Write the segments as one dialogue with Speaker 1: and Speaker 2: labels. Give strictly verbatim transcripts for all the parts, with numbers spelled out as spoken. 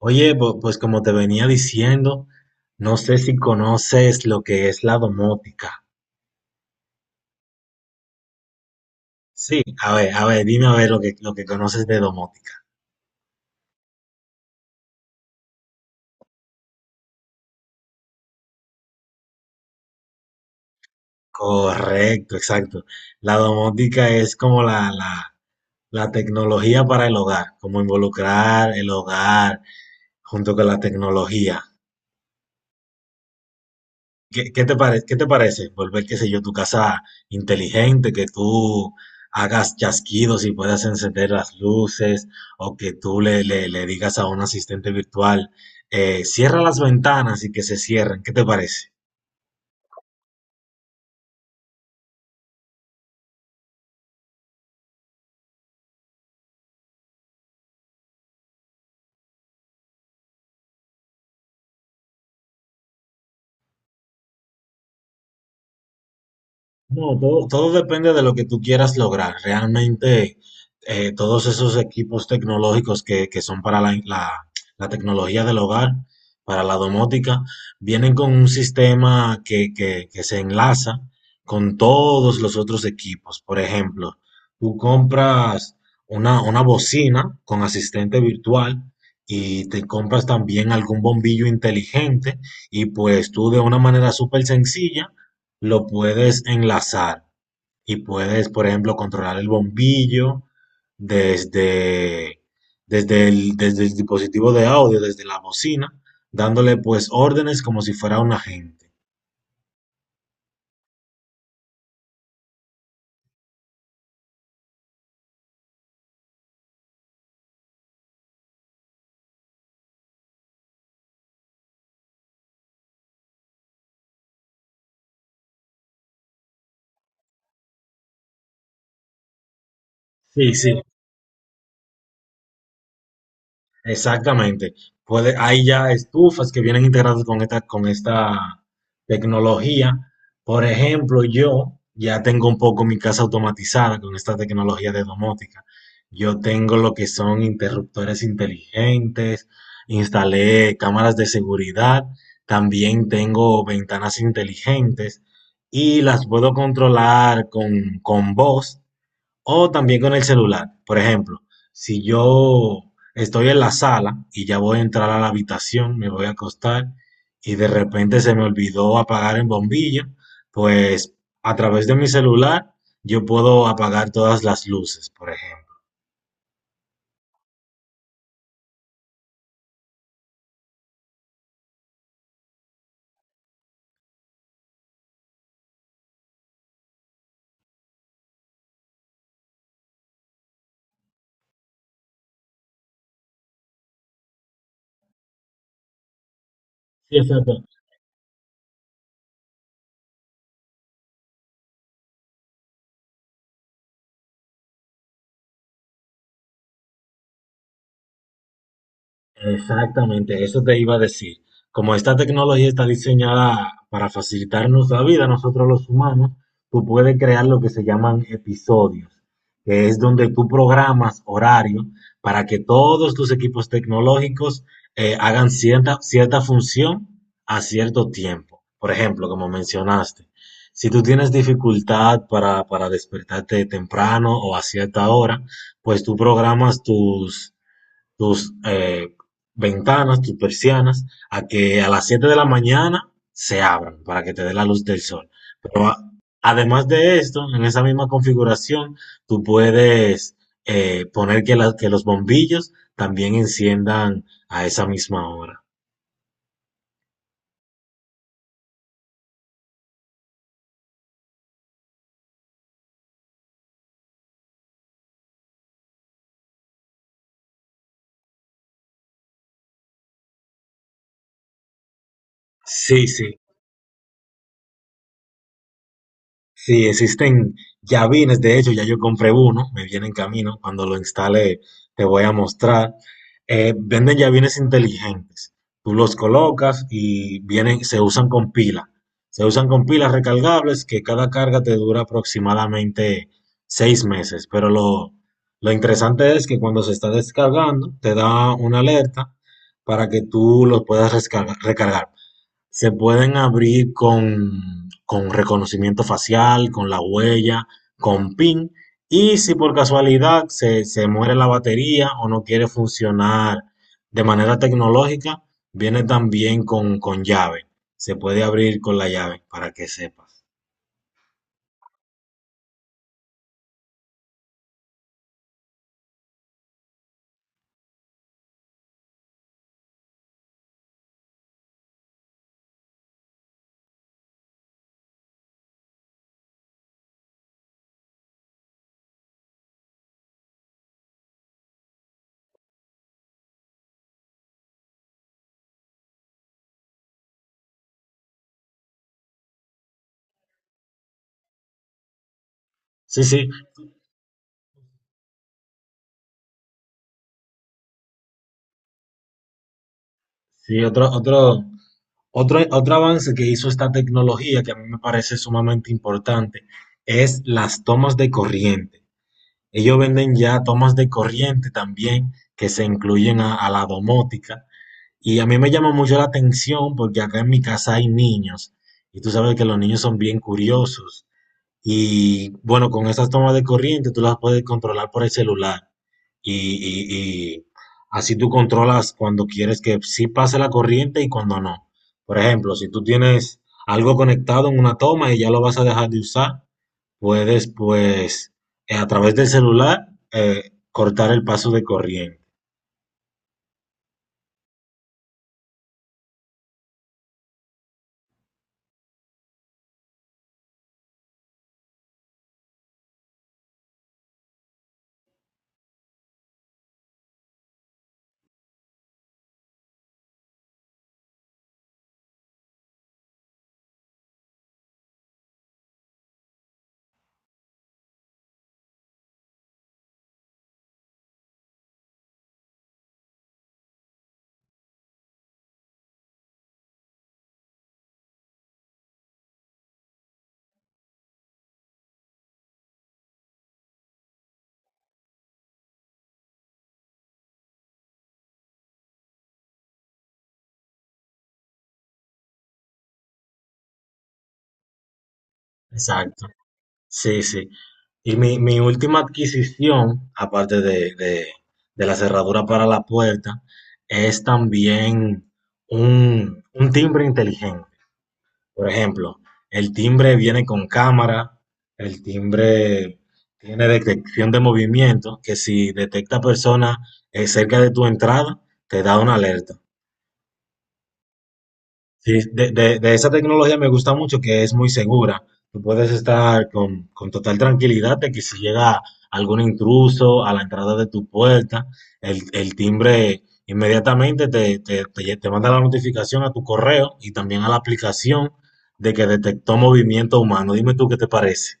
Speaker 1: Oye, pu- pues como te venía diciendo, no sé si conoces lo que es la domótica. Sí, a ver, a ver, dime a ver lo que, lo que conoces de domótica. Correcto, exacto. La domótica es como la, la, la tecnología para el hogar, como involucrar el hogar junto con la tecnología. ¿Qué, qué te pare- qué te parece? Volver, qué sé yo, tu casa inteligente, que tú hagas chasquidos y puedas encender las luces, o que tú le, le- le digas a un asistente virtual, eh, cierra las ventanas y que se cierren. ¿Qué te parece? No, todo, todo depende de lo que tú quieras lograr. Realmente, eh, todos esos equipos tecnológicos que, que son para la, la- la tecnología del hogar, para la domótica, vienen con un sistema que, que- que se enlaza con todos los otros equipos. Por ejemplo, tú compras una, una bocina con asistente virtual y te compras también algún bombillo inteligente y pues tú de una manera súper sencilla lo puedes enlazar y puedes, por ejemplo, controlar el bombillo desde, desde el, desde el dispositivo de audio, desde la bocina, dándole pues órdenes como si fuera un agente. Sí, sí. Exactamente. Puede, hay ya estufas que vienen integradas con esta, con esta tecnología. Por ejemplo, yo ya tengo un poco mi casa automatizada con esta tecnología de domótica. Yo tengo lo que son interruptores inteligentes, instalé cámaras de seguridad, también tengo ventanas inteligentes y las puedo controlar con, con voz. O también con el celular. Por ejemplo, si yo estoy en la sala y ya voy a entrar a la habitación, me voy a acostar y de repente se me olvidó apagar el bombillo, pues a través de mi celular yo puedo apagar todas las luces, por ejemplo. Sí, exacto. Exactamente, eso te iba a decir. Como esta tecnología está diseñada para facilitarnos la vida, nosotros los humanos, tú puedes crear lo que se llaman episodios, que es donde tú programas horario para que todos tus equipos tecnológicos eh, hagan cierta, cierta función a cierto tiempo. Por ejemplo, como mencionaste, si tú tienes dificultad para, para despertarte temprano o a cierta hora, pues tú programas tus tus eh, ventanas, tus persianas, a que a las siete de la mañana se abran para que te dé la luz del sol. Pero a- además de esto, en esa misma configuración, tú puedes eh, poner que, la- que los bombillos también enciendan a esa misma hora. Sí, sí. Sí, existen llavines, de hecho, ya yo compré uno, me viene en camino, cuando lo instale te voy a mostrar. Eh, venden llavines inteligentes, tú los colocas y vienen, se usan con pila, se usan con pilas recargables que cada carga te dura aproximadamente seis meses, pero lo, lo interesante es que cuando se está descargando te da una alerta para que tú lo puedas rescarga- recargar. Se pueden abrir con con reconocimiento facial, con la huella, con PIN. Y si por casualidad se, se muere la batería o no quiere funcionar de manera tecnológica, viene también con, con llave. Se puede abrir con la llave para que sepas. Sí, sí, sí, otro, otro, otro, otro avance que hizo esta tecnología que a mí me parece sumamente importante es las tomas de corriente. Ellos venden ya tomas de corriente también que se incluyen a, a la domótica. Y a mí me llama mucho la atención porque acá en mi casa hay niños y tú sabes que los niños son bien curiosos. Y bueno, con esas tomas de corriente tú las puedes controlar por el celular. Y, y- y así tú controlas cuando quieres que sí pase la corriente y cuando no. Por ejemplo, si tú tienes algo conectado en una toma y ya lo vas a dejar de usar, puedes pues eh, a través del celular eh, cortar el paso de corriente. Exacto. Sí, sí. Y mi, mi última adquisición, aparte de, de- de la cerradura para la puerta, es también un, un timbre inteligente. Por ejemplo, el timbre viene con cámara, el timbre tiene detección de movimiento, que si detecta personas eh, cerca de tu entrada, te da una alerta. Sí, de, de- de esa tecnología me gusta mucho que es muy segura. Tú puedes estar con con total tranquilidad de que si llega algún intruso a la entrada de tu puerta, el, el timbre inmediatamente te, te, te- te manda la notificación a tu correo y también a la aplicación de que detectó movimiento humano. Dime tú qué te parece.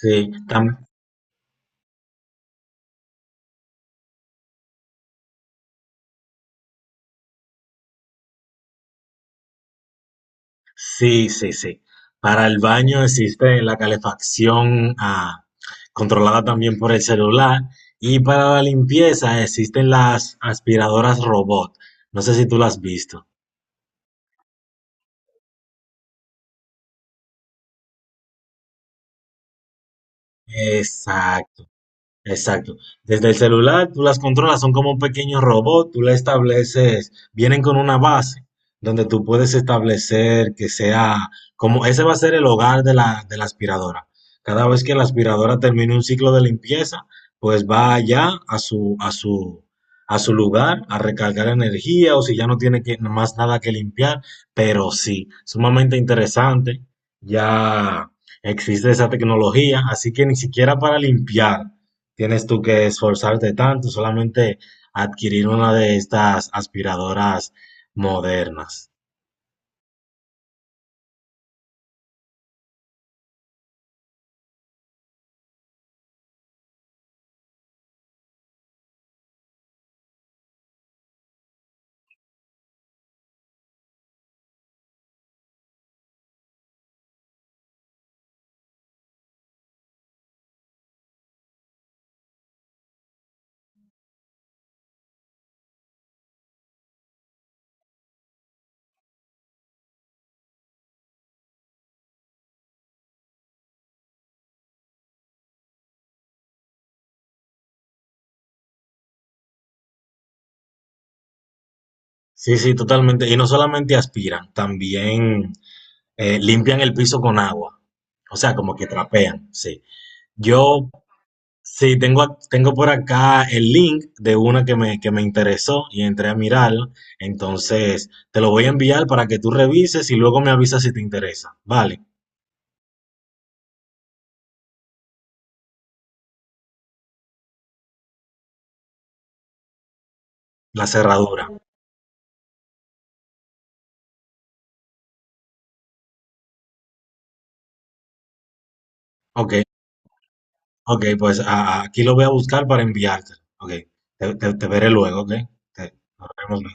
Speaker 1: Sí, tam- sí, sí, sí. Para el baño existe la calefacción ah, controlada también por el celular y para la limpieza existen las aspiradoras robot. No sé si tú las has visto. Exacto. Exacto. Desde el celular tú las controlas, son como un pequeño robot, tú le estableces, vienen con una base donde tú puedes establecer que sea como ese va a ser el hogar de la, de la aspiradora. Cada vez que la aspiradora termine un ciclo de limpieza, pues va allá a su, a su, a su lugar a recargar energía o si ya no tiene que- más nada que limpiar, pero sí, sumamente interesante. Ya existe esa tecnología, así que ni siquiera para limpiar tienes tú que esforzarte tanto, solamente adquirir una de estas aspiradoras modernas. Sí, sí, totalmente. Y no solamente aspiran, también eh, limpian el piso con agua. O sea, como que trapean, sí. Yo, sí, tengo, ac- tengo por acá el link de una que me, que me interesó y entré a mirarla. Entonces, te lo voy a enviar para que tú revises y luego me avisas si te interesa. Vale, la cerradura. Ok, Ok, pues a- a- aquí lo voy a buscar para enviártelo. Ok, te, te- te veré luego, ok. Te- Nos vemos.